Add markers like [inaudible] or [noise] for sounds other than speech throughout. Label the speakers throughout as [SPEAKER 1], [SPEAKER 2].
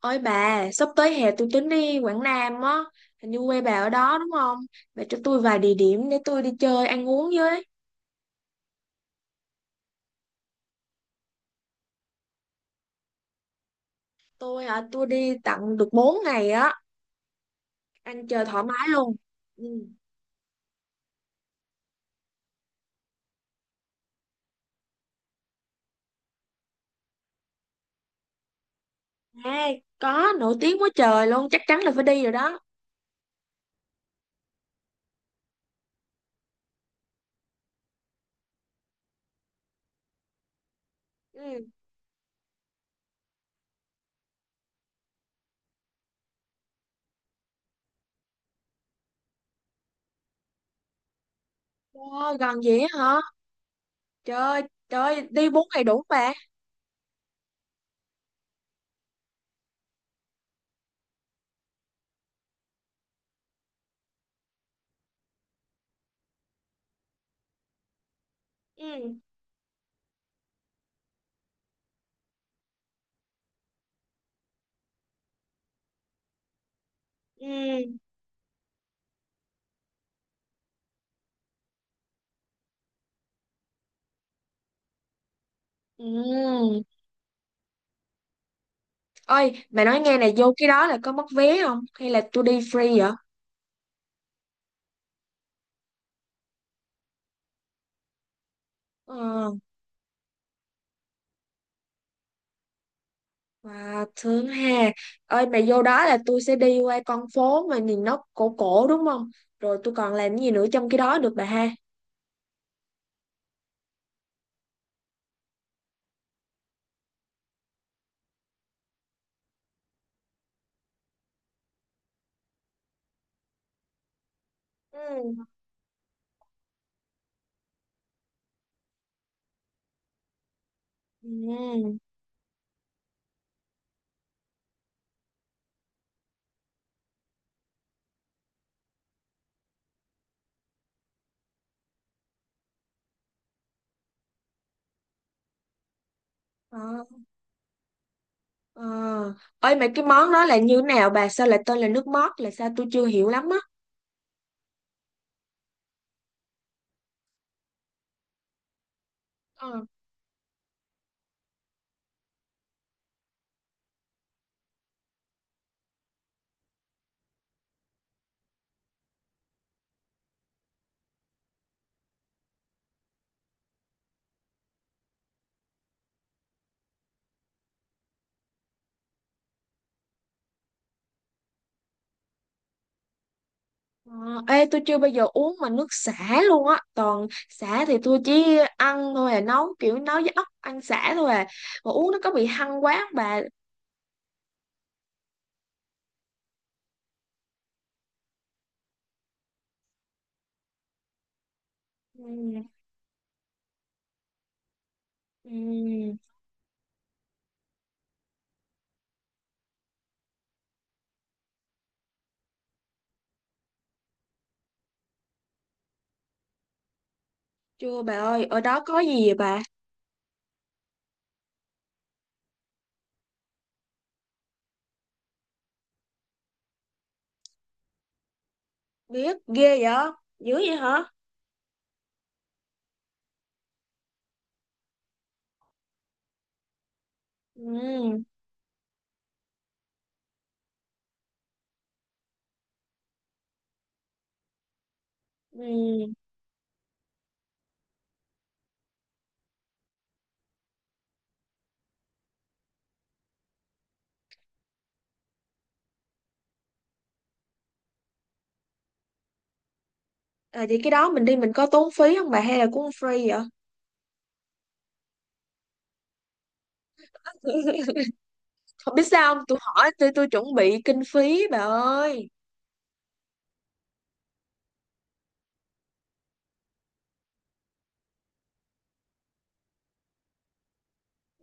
[SPEAKER 1] Ôi bà, sắp tới hè tôi tính đi Quảng Nam á, hình như quê bà ở đó đúng không? Bà cho tôi vài địa điểm để tôi đi chơi ăn uống với. Tôi hả, tôi đi tận được 4 ngày á, ăn chơi thoải mái luôn. Ừ. À, có, nổi tiếng quá trời luôn, chắc chắn là phải đi rồi đó. Ừ. Trời ơi, gần vậy á hả? Trời ơi, trời ơi, đi 4 ngày đủ không bà. Ừ. Ừ. Ừ. Ôi, bà nói nghe này, vô cái đó là có mất vé không? Hay là tôi đi free vậy? Ờ. Wow, thương hà. Ơi mà vô đó là tôi sẽ đi qua con phố mà nhìn nó cổ cổ đúng không? Rồi tôi còn làm gì nữa trong cái đó được bà ha? Ừ. Ừ. Ờ. Ờ. Ơi mà cái món đó là như nào bà? Sao lại tên là nước mót là sao tôi chưa hiểu lắm á. Ờ. Ờ. Ê tôi chưa bao giờ uống mà nước sả luôn á. Toàn sả thì tôi chỉ ăn thôi à, nấu kiểu nấu với ốc ăn sả thôi à. Mà uống nó có bị hăng quá không bà? Ừ. Ừ. Chưa bà ơi, ở đó có gì vậy bà? Biết ghê vậy, dữ vậy hả? Ừ, ừ. À, vậy cái đó mình đi mình có tốn phí không bà hay là cũng free vậy? [laughs] Không biết sao không tôi hỏi, tôi chuẩn bị kinh phí bà ơi.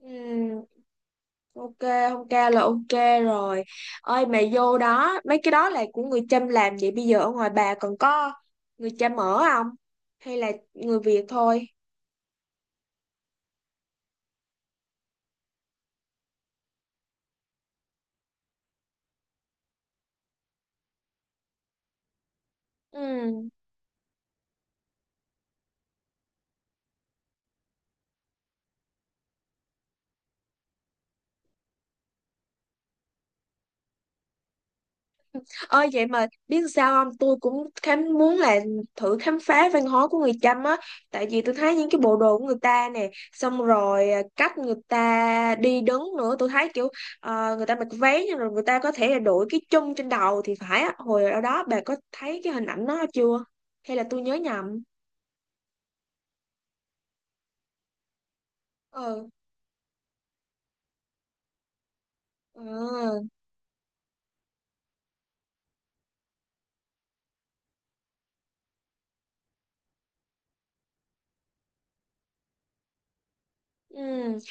[SPEAKER 1] Ừm, ok, không ca là ok rồi. Ơi mà vô đó mấy cái đó là của người Chăm làm vậy bây giờ ở ngoài bà còn có người Chăm ở không, hay là người Việt thôi? Ừ. Ơi vậy mà biết sao không tôi cũng khám muốn là thử khám phá văn hóa của người Chăm á, tại vì tôi thấy những cái bộ đồ của người ta nè, xong rồi cách người ta đi đứng nữa tôi thấy kiểu người ta mặc váy nhưng rồi người ta có thể là đội cái chum trên đầu thì phải á, hồi ở đó bà có thấy cái hình ảnh đó chưa, hay là tôi nhớ nhầm? Ừ. Ừ. Ừ.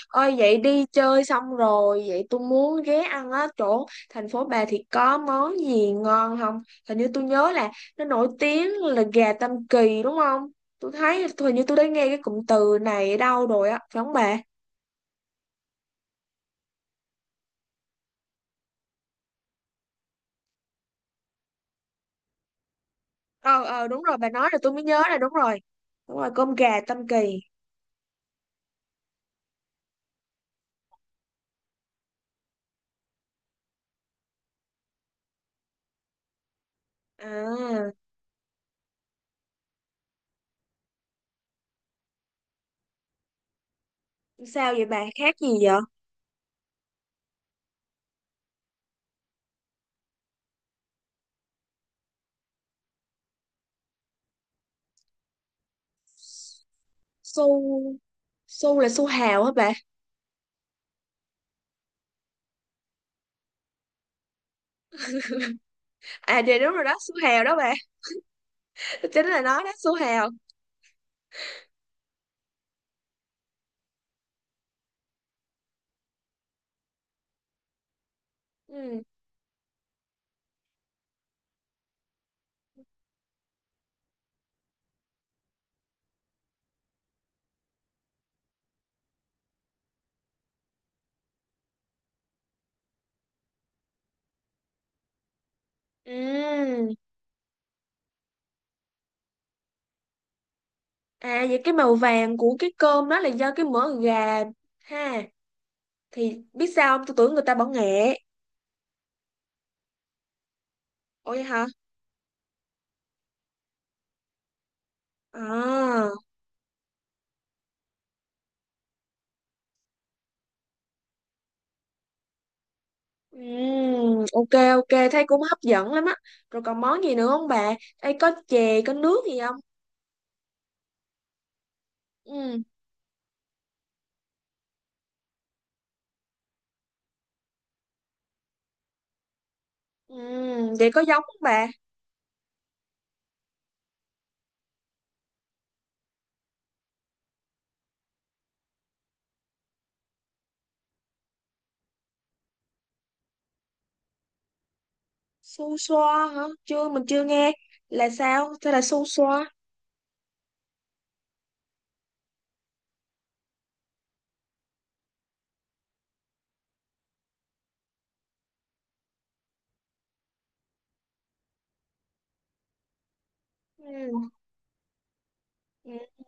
[SPEAKER 1] Ôi vậy đi chơi xong rồi vậy tôi muốn ghé ăn á, chỗ thành phố bà thì có món gì ngon không? Hình như tôi nhớ là nó nổi tiếng là gà Tam Kỳ đúng không, tôi thấy hình như tôi đã nghe cái cụm từ này ở đâu rồi á, phải không bà? Ờ ờ đúng rồi, bà nói là tôi mới nhớ là đúng rồi, đúng rồi, cơm gà Tam Kỳ. À, sao vậy bà, khác gì vậy? Su, su là su hào hả bà? À dạ đúng rồi đó, su hào đó bà. [laughs] Chính là nó đó, su hào. Ừ. Ừ. À vậy cái màu vàng của cái cơm đó là do cái mỡ gà ha. Thì biết sao không? Tôi tưởng người ta bỏ nghệ. Ủa vậy hả? À. Ừm, ok ok, thấy cũng hấp dẫn lắm á. Rồi còn món gì nữa không bà? Ê có chè, có nước gì không? Ừ. Ừ, vậy có giống không bà? Su xoa hả? Chưa, mình chưa nghe. Là sao? Thế là su xoa. Ừ. Ừ.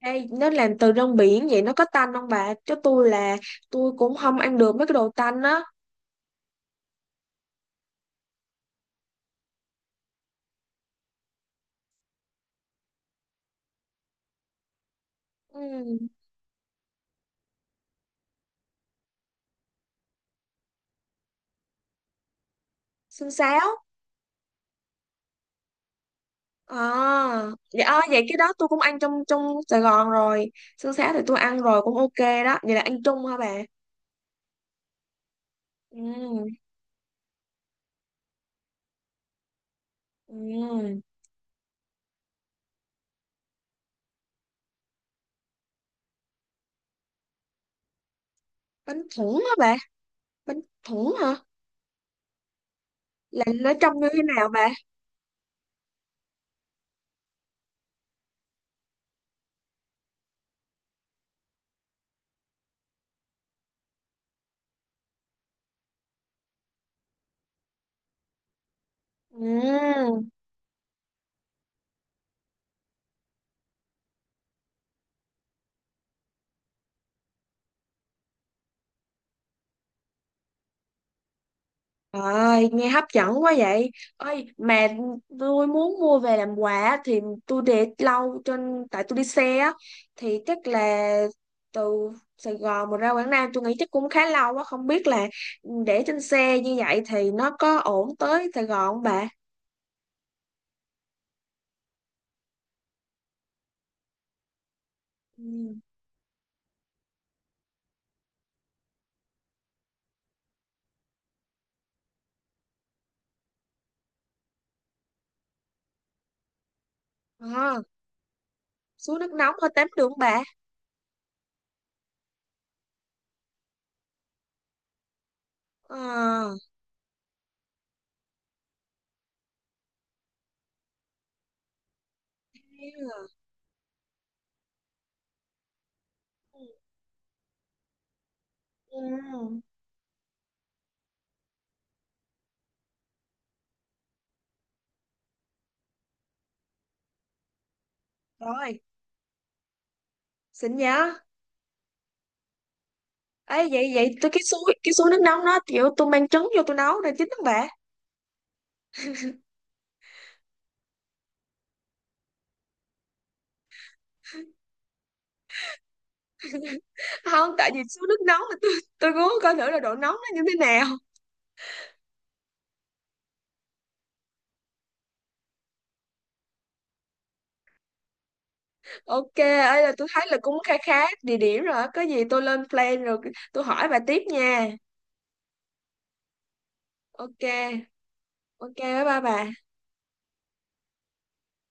[SPEAKER 1] Ê, nó làm từ rong biển vậy nó có tanh không bà? Chứ tôi là tôi cũng không ăn được mấy cái đồ tanh á. Ừ. Xương sáo. À dạ. Ờ, vậy cái đó tôi cũng ăn trong trong Sài Gòn rồi, xương sáo thì tôi ăn rồi cũng ok. Đó vậy là ăn chung hả bà? Ừ. Ừ. Bánh thủng hả bà? Bánh thủng hả? Là nó trông như thế nào bà? Ừ. Trời ơi, nghe hấp dẫn quá vậy. Ơi, mà tôi muốn mua về làm quà thì tôi để lâu trên, tại tôi đi xe á, thì chắc là từ Sài Gòn mà ra Quảng Nam tôi nghĩ chắc cũng khá lâu á, không biết là để trên xe như vậy thì nó có ổn tới Sài Gòn không bà? Ừ. À, xuống nước nóng hơi tắm được không bà? À. Ừ. Ừ. Rồi, xin nhớ. Ấy vậy vậy tôi, cái suối nước nóng nó kiểu tôi mang trứng vô tôi nấu rồi chín không bà? Không tại vì số nước nóng là tôi muốn coi thử là độ nóng nó như thế nào. Ok, ấy là tôi thấy là cũng khá khá địa điểm rồi á. Có gì tôi lên plan rồi, tôi hỏi bà tiếp nha. Ok. Ok, bye bye bà.